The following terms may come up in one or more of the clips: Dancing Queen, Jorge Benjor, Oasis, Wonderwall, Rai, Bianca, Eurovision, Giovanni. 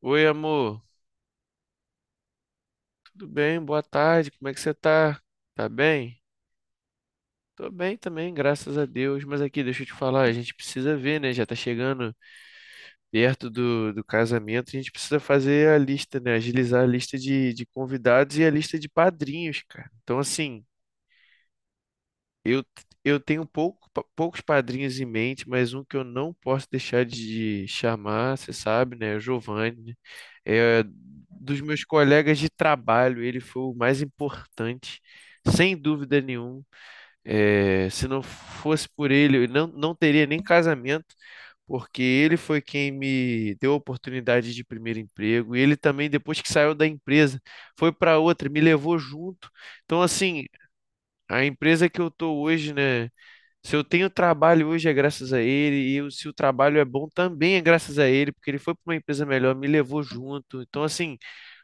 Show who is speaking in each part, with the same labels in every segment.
Speaker 1: Oi, amor. Tudo bem? Boa tarde. Como é que você tá? Tá bem? Tô bem também, graças a Deus. Mas aqui, deixa eu te falar, a gente precisa ver, né? Já tá chegando perto do casamento, a gente precisa fazer a lista, né? Agilizar a lista de convidados e a lista de padrinhos, cara. Então, assim, eu, eu tenho pouco, poucos padrinhos em mente, mas um que eu não posso deixar de chamar, você sabe, né? É o Giovanni. Né? É, dos meus colegas de trabalho, ele foi o mais importante, sem dúvida nenhuma. É, se não fosse por ele, eu não teria nem casamento, porque ele foi quem me deu a oportunidade de primeiro emprego. E ele também, depois que saiu da empresa, foi para outra, me levou junto. Então, assim, a empresa que eu estou hoje, né? Se eu tenho trabalho hoje é graças a ele, se o trabalho é bom também é graças a ele, porque ele foi para uma empresa melhor, me levou junto. Então, assim,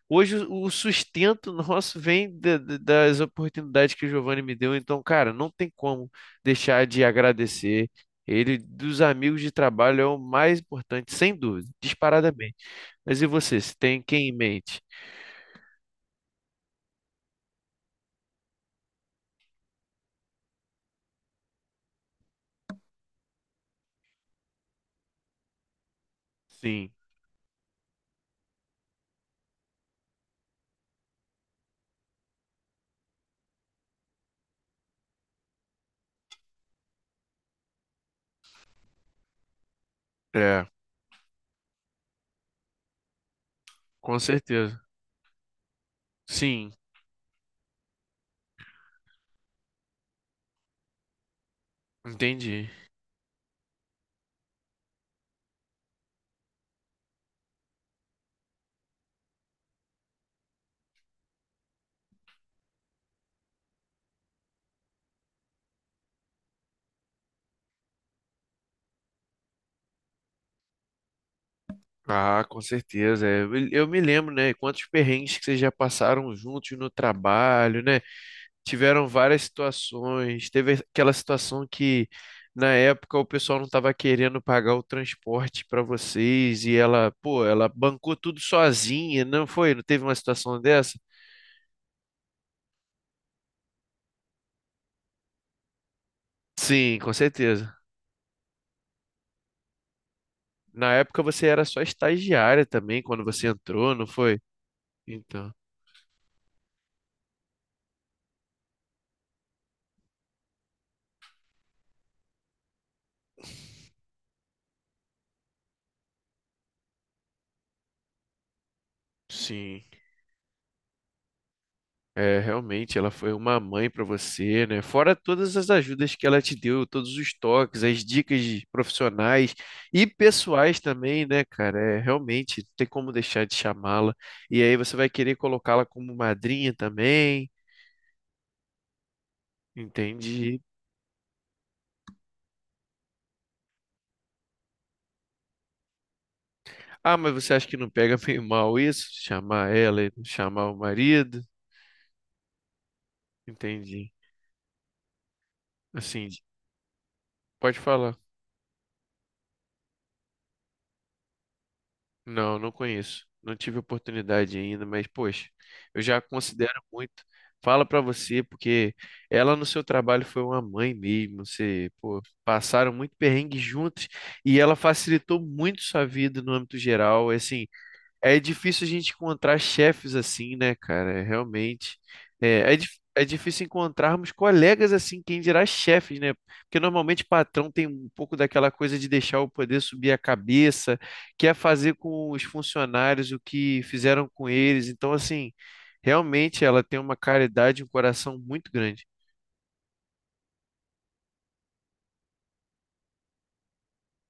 Speaker 1: hoje o sustento nosso vem das oportunidades que o Giovanni me deu. Então, cara, não tem como deixar de agradecer. Ele, dos amigos de trabalho, é o mais importante, sem dúvida, disparadamente. Mas e você, se tem quem em mente? Sim, é, com certeza. Sim, entendi. Ah, com certeza. É, eu me lembro, né? Quantos perrengues que vocês já passaram juntos no trabalho, né? Tiveram várias situações. Teve aquela situação que na época o pessoal não estava querendo pagar o transporte para vocês e ela, pô, ela bancou tudo sozinha, não foi? Não teve uma situação dessa? Sim, com certeza. Na época você era só estagiária também quando você entrou, não foi? Então, sim. É, realmente, ela foi uma mãe para você, né? Fora todas as ajudas que ela te deu, todos os toques, as dicas de profissionais e pessoais também, né, cara? É, realmente, não tem como deixar de chamá-la. E aí você vai querer colocá-la como madrinha também, entendi. Ah, mas você acha que não pega meio mal isso? Chamar ela e não chamar o marido? Entendi. Assim, pode falar. Não, não conheço. Não tive oportunidade ainda, mas poxa, eu já considero muito. Fala pra você, porque ela no seu trabalho foi uma mãe mesmo. Você, pô, passaram muito perrengue juntos e ela facilitou muito sua vida no âmbito geral. Assim, é difícil a gente encontrar chefes assim, né, cara? É realmente. É difícil encontrarmos colegas assim, quem dirá chefes, né? Porque normalmente patrão tem um pouco daquela coisa de deixar o poder subir a cabeça, quer fazer com os funcionários o que fizeram com eles. Então, assim, realmente ela tem uma caridade, um coração muito grande.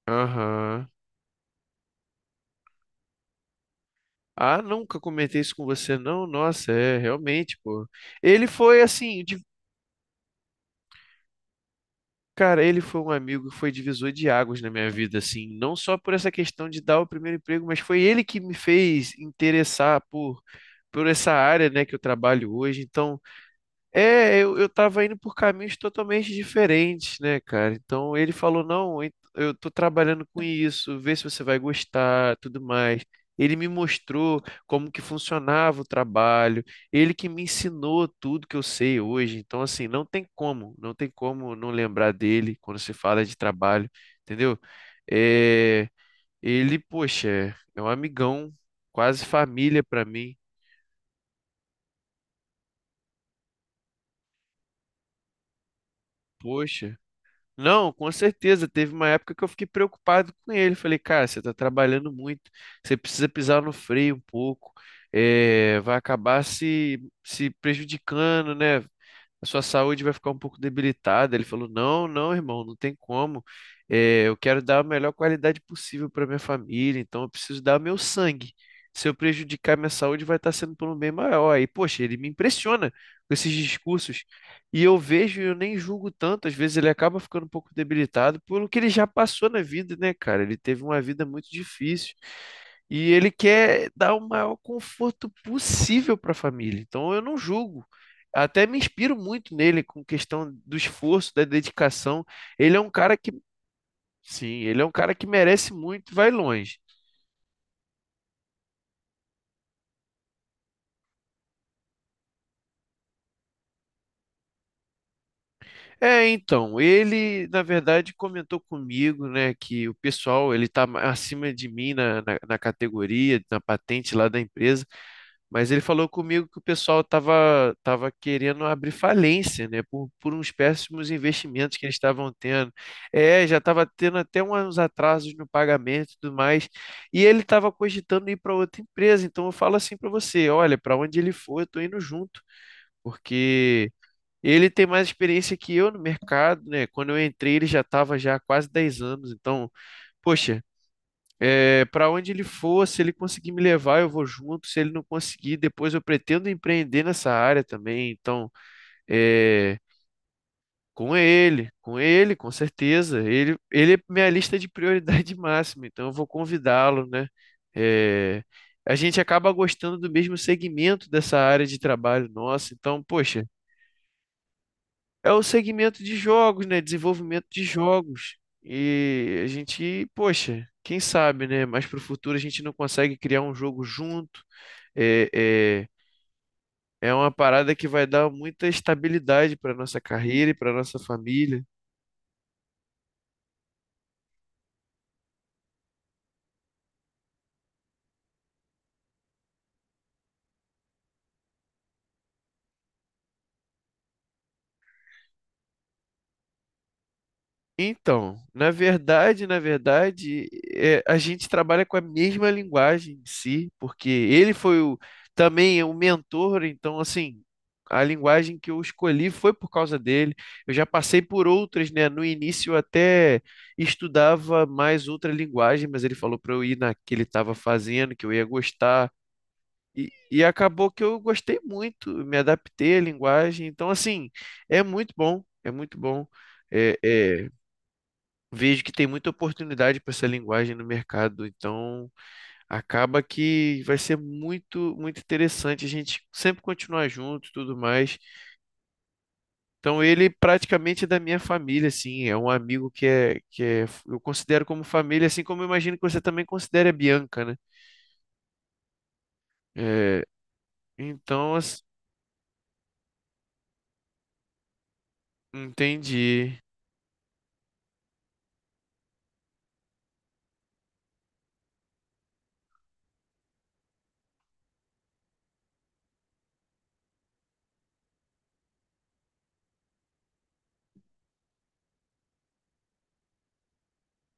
Speaker 1: Aham. Ah, nunca comentei isso com você, não? Nossa, é, realmente, pô. Ele foi assim, cara, ele foi um amigo que foi divisor de águas na minha vida, assim, não só por essa questão de dar o primeiro emprego, mas foi ele que me fez interessar por essa área, né, que eu trabalho hoje. Então, é, eu tava indo por caminhos totalmente diferentes, né, cara? Então ele falou: não, eu tô trabalhando com isso, vê se você vai gostar, tudo mais. Ele me mostrou como que funcionava o trabalho, ele que me ensinou tudo que eu sei hoje. Então, assim, não tem como não lembrar dele quando se fala de trabalho, entendeu? É, ele, poxa, é um amigão, quase família pra mim, poxa. Não, com certeza. Teve uma época que eu fiquei preocupado com ele. Falei, cara, você está trabalhando muito, você precisa pisar no freio um pouco, vai acabar se prejudicando, né? A sua saúde vai ficar um pouco debilitada. Ele falou: Não, não, irmão, não tem como. Eu quero dar a melhor qualidade possível para minha família, então eu preciso dar meu sangue. Se eu prejudicar minha saúde, vai estar sendo por um bem maior. Aí, poxa, ele me impressiona com esses discursos. E eu vejo e eu nem julgo tanto. Às vezes ele acaba ficando um pouco debilitado pelo que ele já passou na vida, né, cara? Ele teve uma vida muito difícil. E ele quer dar o maior conforto possível para a família. Então eu não julgo. Até me inspiro muito nele com questão do esforço, da dedicação. Ele é um cara que, sim, ele é um cara que merece muito, e vai longe. É, então, ele, na verdade, comentou comigo, né, que o pessoal, ele tá acima de mim na categoria, na patente lá da empresa. Mas ele falou comigo que o pessoal estava tava querendo abrir falência, né? Por uns péssimos investimentos que eles estavam tendo. É, já estava tendo até uns atrasos no pagamento e tudo mais. E ele estava cogitando ir para outra empresa. Então eu falo assim para você: olha, para onde ele for, eu estou indo junto, porque ele tem mais experiência que eu no mercado, né? Quando eu entrei, ele já estava já há quase 10 anos. Então, poxa. É, para onde ele for, se ele conseguir me levar, eu vou junto. Se ele não conseguir, depois eu pretendo empreender nessa área também. Então, é, com ele, com certeza. Ele é minha lista de prioridade máxima, então eu vou convidá-lo, né? É, a gente acaba gostando do mesmo segmento dessa área de trabalho nossa. Então, poxa, é o segmento de jogos, né? Desenvolvimento de jogos. E a gente, poxa, quem sabe, né? Mas para o futuro a gente não consegue criar um jogo junto. É, é, é uma parada que vai dar muita estabilidade para nossa carreira e para nossa família. Então, na verdade, é, a gente trabalha com a mesma linguagem em si, porque ele foi o, também é o mentor, então, assim, a linguagem que eu escolhi foi por causa dele. Eu já passei por outras, né? No início eu até estudava mais outra linguagem, mas ele falou para eu ir na que ele estava fazendo, que eu ia gostar. E acabou que eu gostei muito, me adaptei à linguagem. Então, assim, é muito bom. É, é, vejo que tem muita oportunidade para essa linguagem no mercado, então acaba que vai ser muito, muito interessante a gente sempre continuar junto e tudo mais. Então ele praticamente é da minha família, assim, é um amigo eu considero como família, assim como eu imagino que você também considere a Bianca, né? É, então, entendi.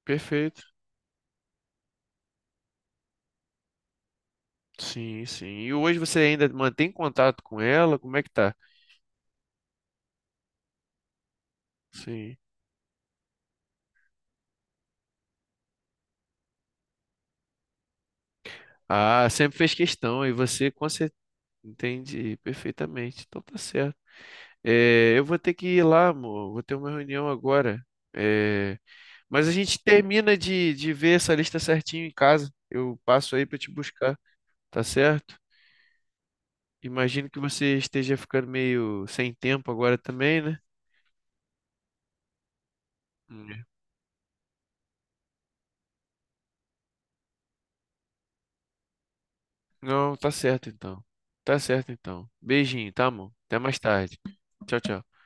Speaker 1: Perfeito. Sim, sim. E hoje você ainda mantém contato com ela? Como é que tá? Sim. Ah, sempre fez questão, e você com entendi perfeitamente. Então tá certo. É, eu vou ter que ir lá, amor. Vou ter uma reunião agora. É, mas a gente termina de ver essa lista certinho em casa. Eu passo aí pra te buscar, tá certo? Imagino que você esteja ficando meio sem tempo agora também, né? Hum. Não, tá certo então. Tá certo então. Beijinho, tá, amor? Até mais tarde. Tchau, tchau.